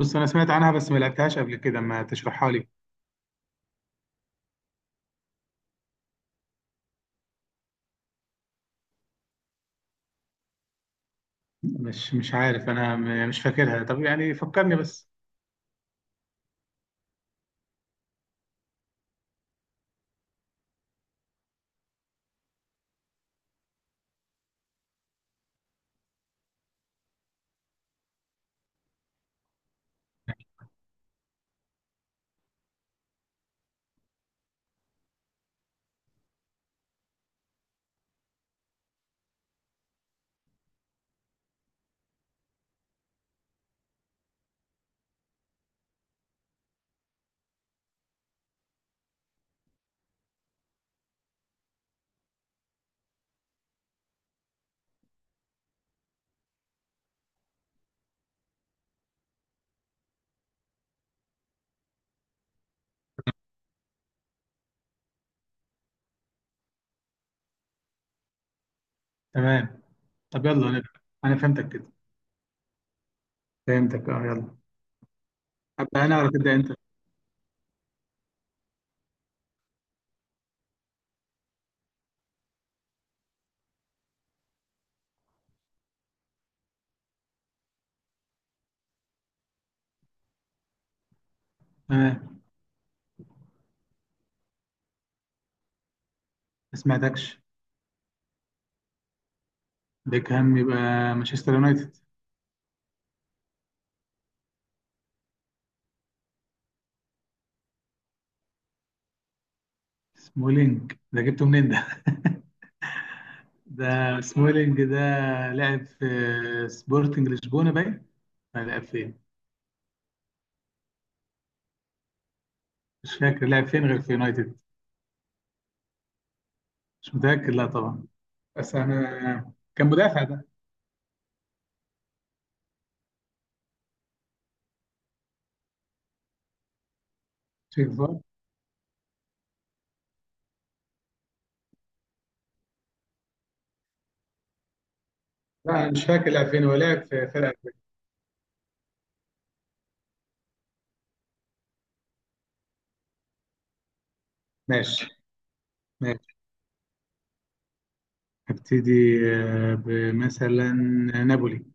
بص انا سمعت عنها بس ما لعبتهاش قبل كده، ما تشرحها لي. مش عارف انا مش فاكرها. طب يعني فكرني بس. تمام. طب يلا انا فهمتك كده. فهمتك، اه يلا. ابدا انا ولا تبدا انت؟ تمام. ما سمعتكش. بيكهام يبقى مانشستر يونايتد. سمولينج، ده جبته منين ده؟ ده سمولينج ده لعب في سبورتنج لشبونه باين. لا، لعب فين؟ مش فاكر لعب فين غير في يونايتد. مش متاكد، لا طبعا. بس انا كان مدافع ده. شيك. لا أنا مش فاكر الألفين، ولكن في فرقة ألفين. ماشي. ماشي هبتدي. بمثلا نابولي.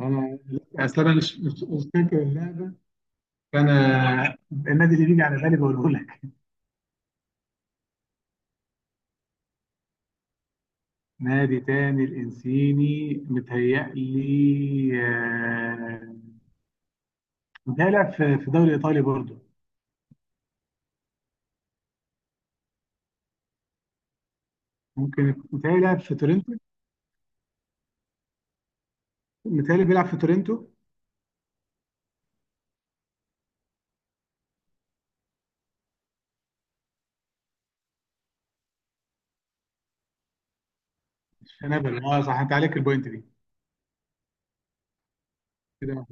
أنا أصل أنا مش فاكر اللعبة، فأنا النادي اللي بيجي على بالي بقوله لك. نادي تاني، الإنسيني متهيألي متهيألي لعب في في الدوري الإيطالي برضه. ممكن متهيألي لعب في تورنتو. متهيألي بيلعب في تورنتو. مش في نابولي، أه صح، أنت عليك البوينت دي. كده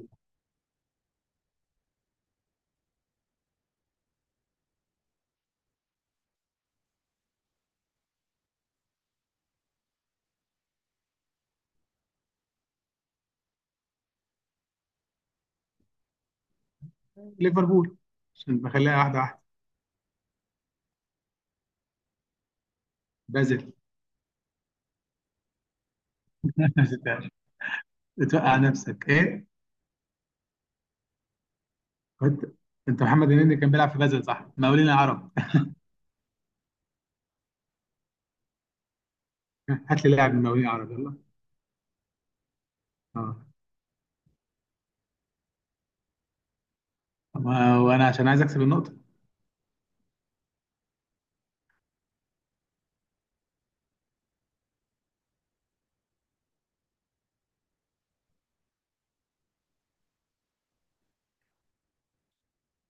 ليفربول، عشان بخليها واحدة واحدة. بازل. بتوقع نفسك ايه؟ كنت انت. محمد النني كان بيلعب في بازل، صح؟ مقاولين العرب. هات لي لاعب من مقاولين العرب يلا. اه، وانا عشان عايز اكسب النقطه.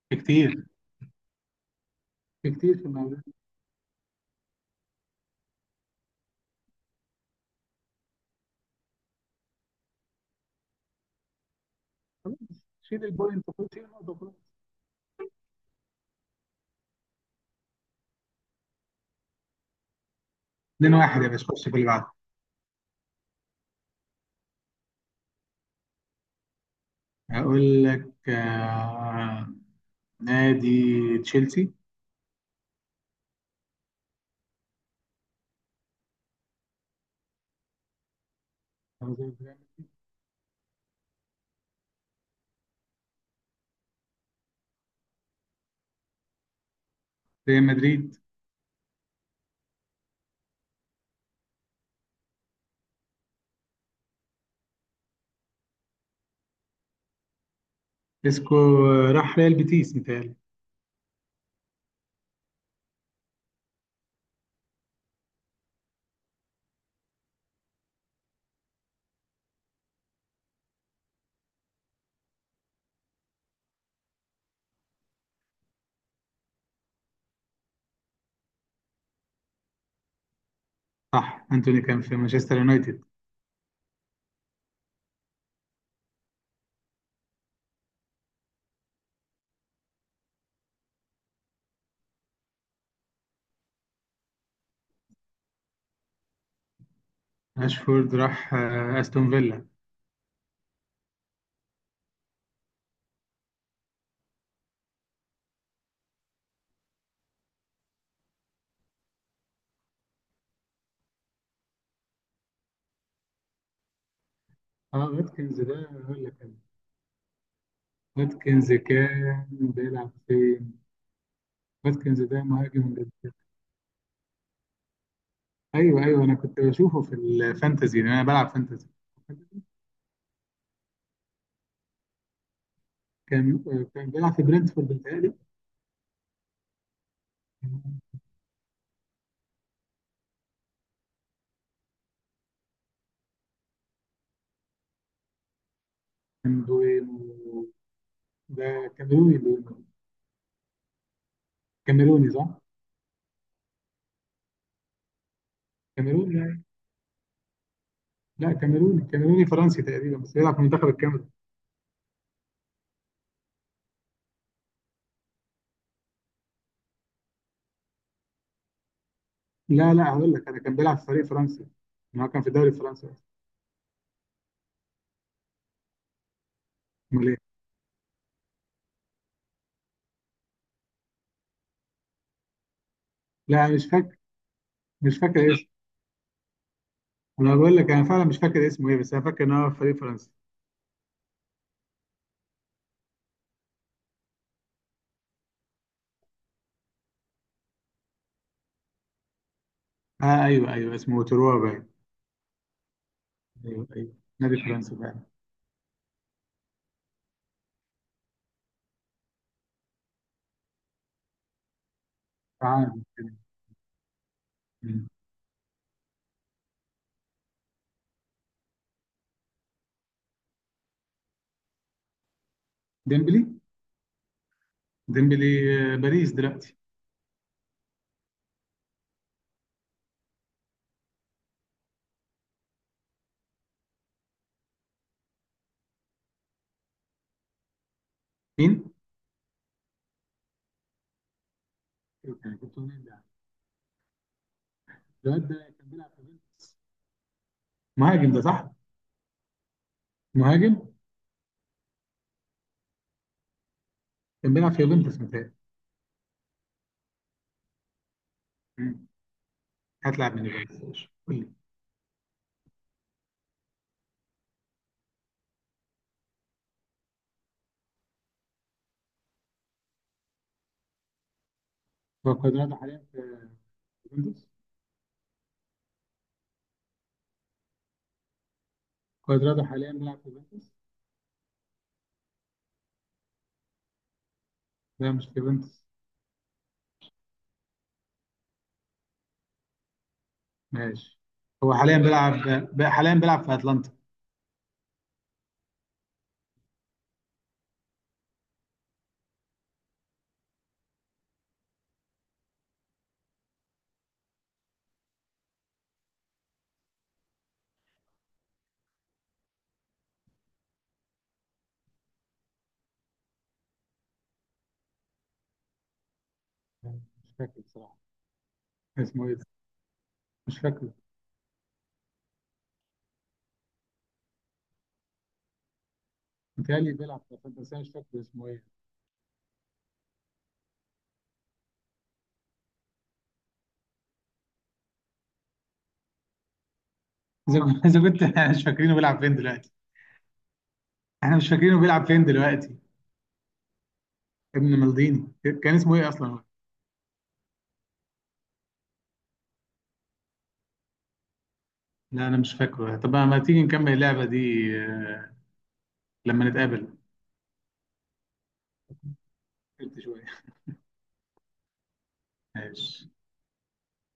في كتير، في كتير في المقاولين. خلاص، شيل البوينت، خد شيل النقطه وخلاص. 2-1 يا باشا، خش في اللي بعده. هقول لك نادي تشيلسي. ريال مدريد. اسكو راح ريال بيتيس متهيألي. صح، انتوني كان في مانشستر يونايتد. اشفورد راح استون فيلا. اه واتكنز ده هقول لك. واتكنز كان بيلعب فين؟ واتكنز ده مهاجم انجلترا. ايوه ايوه، انا كنت بشوفه في الفانتزي لان انا بلعب فانتزي. كان كان بيلعب في برنتفورد بيتهيألي. كان بوينو، ده كاميروني بوينو. كاميروني صح؟ كاميروني يعني. لا كاميروني، فرنسي تقريبا بس بيلعب في منتخب الكاميرون. لا هقول لك، انا كان بيلعب في فريق فرنسي، ما هو كان في الدوري الفرنسي أصلاً. امال ايه؟ لا أنا مش فاكر، مش فاكر اسمه. انا بقول لك انا فعلا مش فاكر اسمه ايه، بس انا فاكر ان هو في فريق فرنسي. آه ايوه ايوه اسمه تروا باين. ايوه ايوه نادي فرنسي باين. تعال كده. مم. ديمبلي. ديمبلي باريس دلوقتي. مين؟ إيه كان جبته منين ده؟ الواد ده كان بيلعب في يوفنتوس. مهاجم ده صح؟ مهاجم كان بيلعب في يوفنتوس متهيألي. مم. هتلعب من يوفنتوس قول لي. هو كوادرادو حاليا في يوفنتوس. كوادرادو حاليا بيلعب في يوفنتوس. لا مش في يوفنتوس. ماشي. هو حاليا بيلعب، حاليا بيلعب في اتلانتا. مش فاكر بصراحة، اسمه ايه ده؟ مش فاكره. متهيألي بيلعب في اتلانتا بس انا مش فاكر اسمه ايه. زي ما كنت مش فاكرينه بيلعب فين دلوقتي. احنا مش فاكرينه بيلعب فين دلوقتي. ابن مالديني كان اسمه ايه اصلا. لا انا مش فاكره. طب ما تيجي نكمل اللعبه دي آه، لما نتقابل؟ قلت شويه. ماشي.